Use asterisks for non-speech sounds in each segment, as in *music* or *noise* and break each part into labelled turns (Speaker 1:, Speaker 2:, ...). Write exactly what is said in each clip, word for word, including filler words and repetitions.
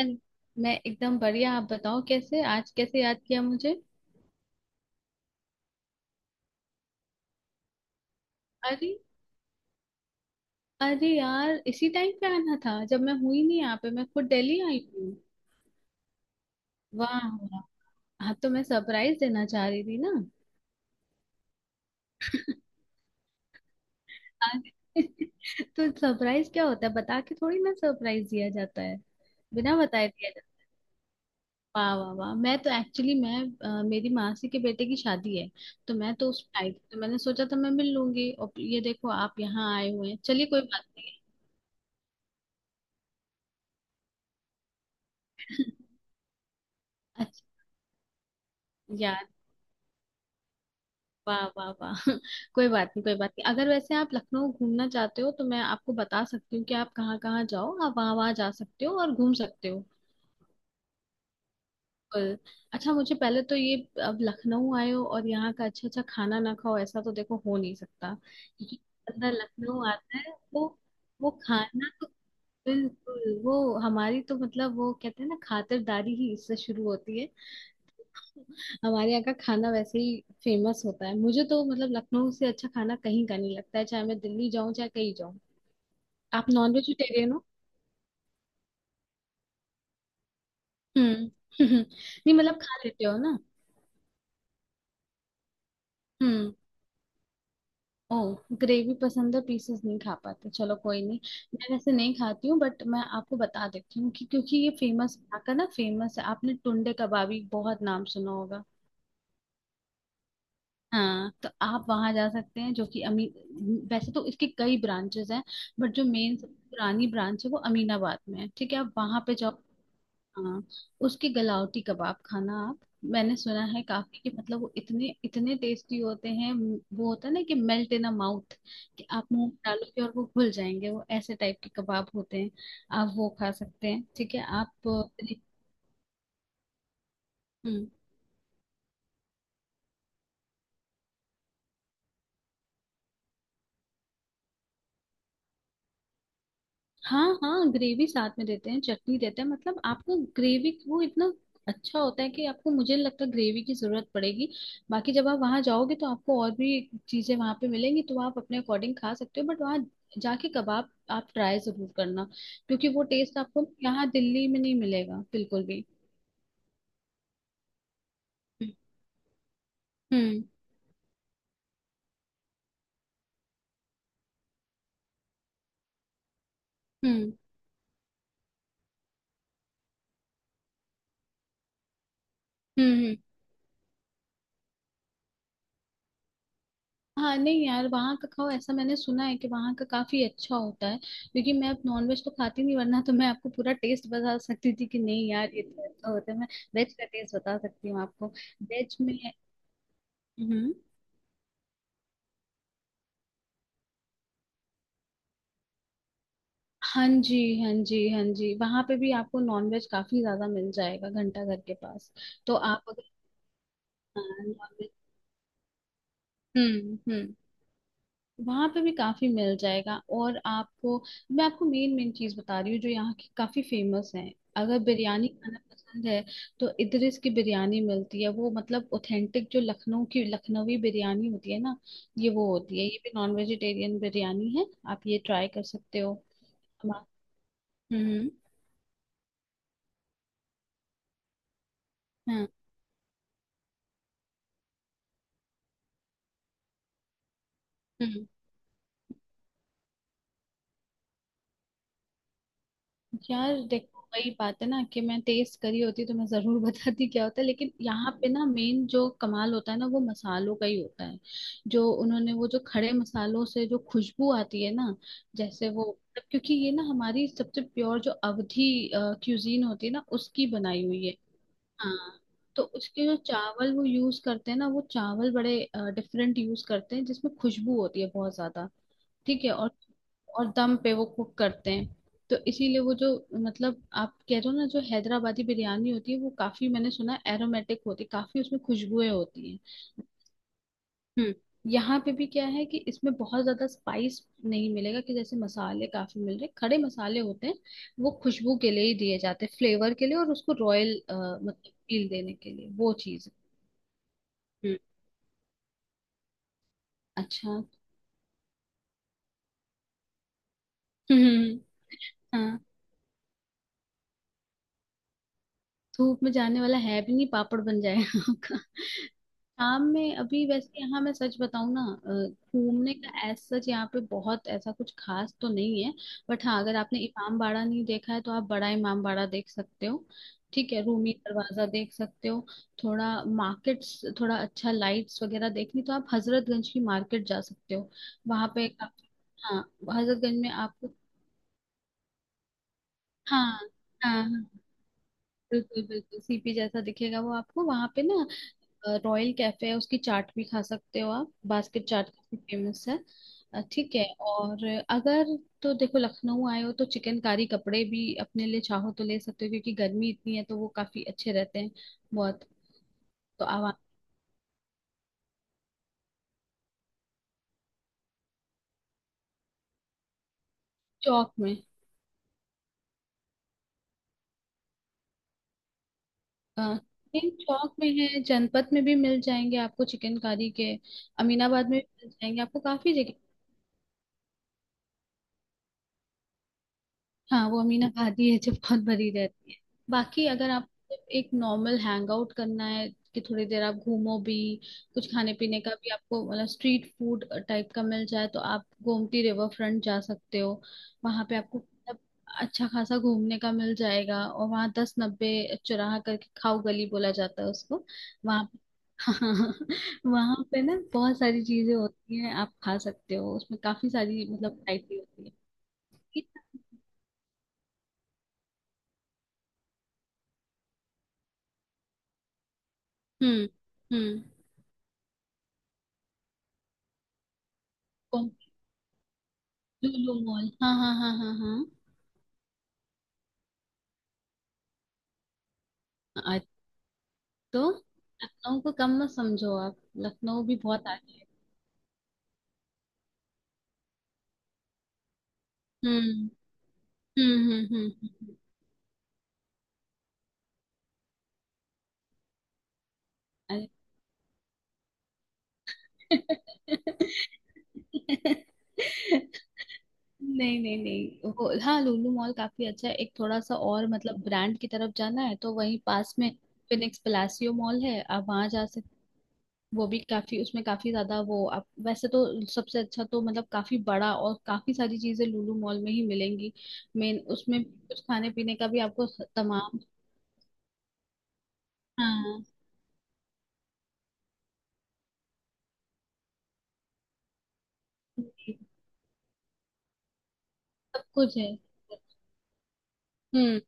Speaker 1: मैं एकदम बढ़िया। आप बताओ कैसे, आज कैसे याद किया मुझे? अरे अरे यार इसी टाइम पे आना था, जब मैं हुई नहीं यहाँ पे, मैं खुद दिल्ली आई हूँ। वाह वाह। हाँ तो मैं सरप्राइज देना चाह रही थी ना। अरे, *laughs* तो सरप्राइज क्या होता है, बता के थोड़ी ना सरप्राइज दिया जाता है। बिना बताए दिया जाता है। वाह वाह वाह, मैं तो एक्चुअली मैं अ, मेरी मासी के बेटे की शादी है। तो मैं तो उस आई थी, तो मैंने सोचा था मैं मिल लूंगी, और ये देखो आप यहाँ आए हुए हैं। चलिए कोई बात नहीं। अच्छा यार, वाह वाह वाह। *laughs* कोई बात नहीं, कोई बात नहीं। अगर वैसे आप लखनऊ घूमना चाहते हो तो मैं आपको बता सकती हूँ कि आप कहाँ कहाँ जाओ, आप वहाँ वहाँ जा सकते हो और घूम सकते हो। बिल्कुल। अच्छा, मुझे पहले तो ये, अब लखनऊ आए हो और यहाँ का अच्छा अच्छा खाना ना खाओ, ऐसा तो देखो हो नहीं सकता। क्योंकि बंदा लखनऊ आता है वो वो खाना तो बिल्कुल वो, हमारी तो मतलब वो कहते हैं ना, खातिरदारी ही इससे शुरू होती है। हमारे यहाँ का खाना वैसे ही फेमस होता है, मुझे तो मतलब लखनऊ से अच्छा खाना कहीं का नहीं लगता है, चाहे मैं दिल्ली जाऊं चाहे कहीं जाऊं। आप नॉन वेजिटेरियन हो? हम्म। *laughs* नहीं मतलब खा लेते हो ना। हम्म। ओह, ग्रेवी पसंद है, पीसेस नहीं खा पाते, चलो कोई नहीं। मैं वैसे नहीं खाती हूँ, बट मैं आपको बता देती हूँ कि, क्योंकि ये फेमस यहाँ का ना, फेमस है। आपने टुंडे कबाबी बहुत नाम सुना होगा। हाँ तो आप वहां जा सकते हैं जो कि अमी, वैसे तो इसके कई ब्रांचेस हैं, बट जो मेन पुरानी ब्रांच है वो अमीनाबाद में है। ठीक है आप वहां पे जाओ। हाँ। उसके गलावटी कबाब खाना आप। मैंने सुना है काफी कि, मतलब वो इतने इतने टेस्टी होते हैं, म- वो होता है ना कि मेल्ट इन अ माउथ। कि आप मुंह में डालोगे और वो घुल जाएंगे, वो ऐसे टाइप के कबाब होते हैं। आप वो खा सकते हैं, ठीक है आप। हम्म। हाँ हाँ, ग्रेवी साथ में देते हैं, चटनी देते हैं। मतलब आपको ग्रेवी वो इतना अच्छा होता है कि आपको, मुझे नहीं लगता ग्रेवी की जरूरत पड़ेगी। बाकी जब आप वहां जाओगे तो आपको और भी चीजें वहां पे मिलेंगी, तो आप अपने अकॉर्डिंग खा सकते हो, बट वहाँ जाके कबाब आप ट्राई जरूर करना। क्योंकि वो टेस्ट आपको यहाँ दिल्ली में नहीं मिलेगा, बिल्कुल भी। हम्म। हम्म। हम्म। हम्म। हाँ नहीं यार, वहाँ का खाओ, ऐसा मैंने सुना है कि वहाँ का काफी अच्छा होता है। क्योंकि मैं अब नॉनवेज तो खाती नहीं, वरना तो मैं आपको पूरा टेस्ट बता सकती थी कि नहीं यार ये तो अच्छा होता है। मैं वेज का टेस्ट बता सकती हूँ आपको। वेज में। हम्म। हाँ जी, हाँ जी हाँ जी, वहाँ पे भी आपको नॉनवेज काफी ज्यादा मिल जाएगा घंटा घर के पास। तो आप अगर, हाँ, नॉनवेज। हम्म। हम्म। वहां पे भी काफी मिल जाएगा और आपको, मैं आपको मेन मेन चीज बता रही हूँ जो यहाँ की काफी फेमस है। अगर बिरयानी खाना पसंद है, तो इधर की बिरयानी मिलती है वो, मतलब ऑथेंटिक जो लखनऊ की लखनवी बिरयानी होती है ना, ये वो होती है। ये भी नॉन वेजिटेरियन बिरयानी है। आप ये ट्राई कर सकते हो। हम्म। हम्म। हाँ। हम्म। यार देखो वही बात है ना, कि मैं टेस्ट करी होती तो मैं जरूर *laughs* बताती क्या होता है। लेकिन यहाँ पे ना, मेन जो कमाल होता है ना वो मसालों का ही होता है। जो उन्होंने, वो जो खड़े मसालों से जो खुशबू आती है ना। जैसे वो, मतलब क्योंकि ये ना हमारी सबसे प्योर जो अवधी क्यूजीन होती है ना, उसकी बनाई हुई है। हाँ। तो उसके जो चावल वो यूज करते हैं ना, वो चावल बड़े डिफरेंट यूज करते हैं, जिसमें खुशबू होती है बहुत ज्यादा। ठीक है। और और दम पे वो कुक करते हैं। तो इसीलिए वो जो, मतलब आप कह रहे हो ना जो हैदराबादी बिरयानी होती है वो काफी, मैंने सुना एरोमेटिक होती है काफी, उसमें खुशबुएं होती हैं। हम्म। यहाँ पे भी क्या है कि इसमें बहुत ज्यादा स्पाइस नहीं मिलेगा, कि जैसे मसाले काफी मिल रहे, खड़े मसाले होते हैं। वो खुशबू के लिए ही दिए जाते हैं, फ्लेवर के लिए, और उसको रॉयल मतलब फील देने के लिए वो चीज। हम्म। अच्छा। हम्म। हाँ धूप में जाने वाला है भी नहीं, पापड़ बन जाएगा आपका। शाम में, अभी वैसे यहाँ मैं सच बताऊं ना, अ, घूमने का एज सच यहाँ पे बहुत ऐसा कुछ खास तो नहीं है। बट हाँ, अगर आपने इमाम बाड़ा नहीं देखा है तो आप बड़ा इमाम बाड़ा देख सकते हो। ठीक है, रूमी दरवाजा देख सकते हो। थोड़ा मार्केट्स, थोड़ा अच्छा लाइट्स वगैरह देखनी तो आप हजरतगंज की मार्केट जा सकते हो। वहां पे काफी। हाँ हजरतगंज में आपको। हाँ हाँ हाँ, बिल्कुल बिल्कुल, सीपी जैसा दिखेगा वो आपको। वहां पे ना, रॉयल कैफे है, उसकी चाट भी खा सकते हो आप, बास्केट चाट काफी फेमस है। अ, ठीक है। और अगर, तो देखो लखनऊ आए हो तो चिकनकारी कपड़े भी अपने लिए चाहो तो ले सकते हो, क्योंकि गर्मी इतनी है तो वो काफी अच्छे रहते हैं बहुत। तो आवाम, चौक में, अ, नहीं, चौक में है, जनपथ में भी मिल जाएंगे आपको चिकनकारी के। अमीनाबाद में भी मिल जाएंगे आपको, काफी जगह। हाँ वो अमीना खाती है, जो बहुत भरी रहती है। बाकी अगर आप एक नॉर्मल हैंग आउट करना है, कि थोड़ी देर आप घूमो भी, कुछ खाने पीने का भी आपको मतलब स्ट्रीट फूड टाइप का मिल जाए, तो आप गोमती रिवर फ्रंट जा सकते हो। वहां पे आपको मतलब अच्छा खासा घूमने का मिल जाएगा। और वहाँ दस नब्बे चौराहा करके खाऊ गली बोला जाता है उसको। वहां वहां *laughs* पे ना बहुत सारी चीजें होती हैं, आप खा सकते हो, उसमें काफी सारी मतलब वैरायटी होती है। हम्म। हम्म। को, लुलु मॉल, हाँ हाँ हाँ हाँ हाँ। आज तो, लखनऊ को कम मत समझो आप, लखनऊ भी बहुत आगे है। हम्म। हम्म। हम्म। हम्म, हम्म, अरे। *laughs* नहीं नहीं नहीं, वो हाँ लुलु मॉल काफी अच्छा है। एक थोड़ा सा और मतलब ब्रांड की तरफ जाना है तो वहीं पास में फिनिक्स पलासियो मॉल है, आप वहां जा। वो भी काफी, उसमें काफी ज्यादा वो, आप वैसे तो सबसे अच्छा तो मतलब, काफी बड़ा और काफी सारी चीजें लुलु मॉल में ही मिलेंगी। मेन उसमें कुछ खाने पीने का भी आपको तमाम। हाँ जी, सब कुछ है। हम्म।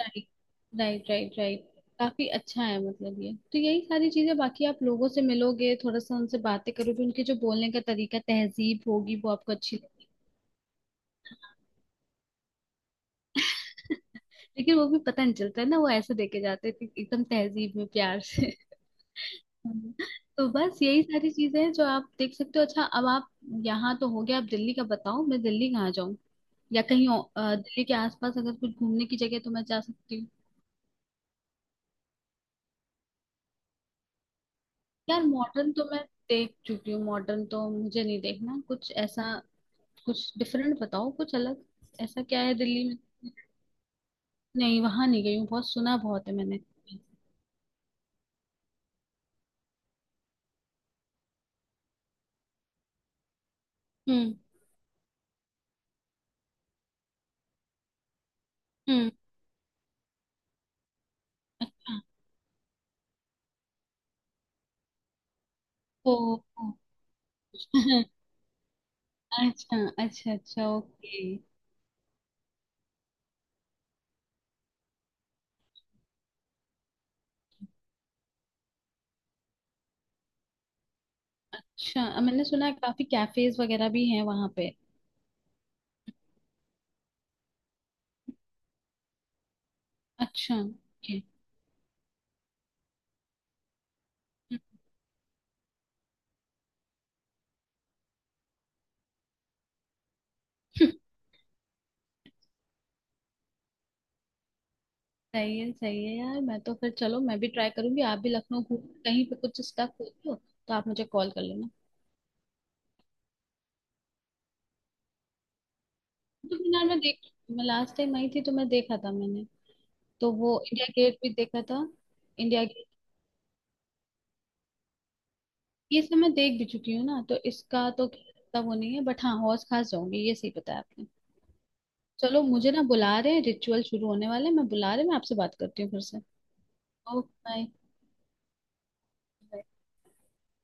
Speaker 1: Right, right right right. काफी अच्छा है, मतलब ये तो यही सारी चीजें। बाकी आप लोगों से मिलोगे, थोड़ा सा उनसे बातें करोगे, उनके जो बोलने का तरीका, तहजीब होगी, वो आपको अच्छी लगेगी। लेकिन वो भी पता नहीं चलता है ना, वो ऐसे देके जाते हैं कि एकदम तहजीब में, प्यार से। हाँ। तो बस यही सारी चीजें हैं जो आप देख सकते हो। अच्छा अब आप, यहाँ तो हो गया, आप दिल्ली का बताओ मैं दिल्ली कहाँ जाऊँ, या कहीं और, अ, दिल्ली के आसपास अगर कुछ घूमने की जगह है, तो मैं जा सकती हूँ। यार मॉडर्न तो मैं देख चुकी हूँ, मॉडर्न तो मुझे नहीं देखना, कुछ ऐसा कुछ डिफरेंट बताओ, कुछ अलग। ऐसा क्या है दिल्ली में? नहीं वहां नहीं गई हूँ, बहुत सुना बहुत है मैंने। हम्म। हम्म। हाँ, ओ, ओ। *laughs* अच्छा, अच्छा अच्छा ओके। अच्छा, अ, मैंने सुना है काफी कैफेज वगैरह भी हैं वहां पे। अच्छा ओके। *laughs* सही है सही है। यार मैं तो फिर, चलो मैं भी ट्राई करूंगी, आप भी लखनऊ घूम, कहीं पे कुछ स्टक हो तो तो आप मुझे कॉल कर लेना। तो मीनार में देख, मैं लास्ट टाइम आई थी तो मैं देखा था मैंने। तो वो इंडिया गेट भी देखा था, इंडिया गेट। ये सब मैं देख भी चुकी हूँ ना, तो इसका तो इतना वो नहीं है, बट हाँ हौस खास जाऊंगी, ये सही बताया आपने। चलो मुझे ना बुला रहे हैं, रिचुअल शुरू होने वाले हैं, मैं बुला रहे हैं, मैं आपसे बात करती हूँ फिर से। Okay bye.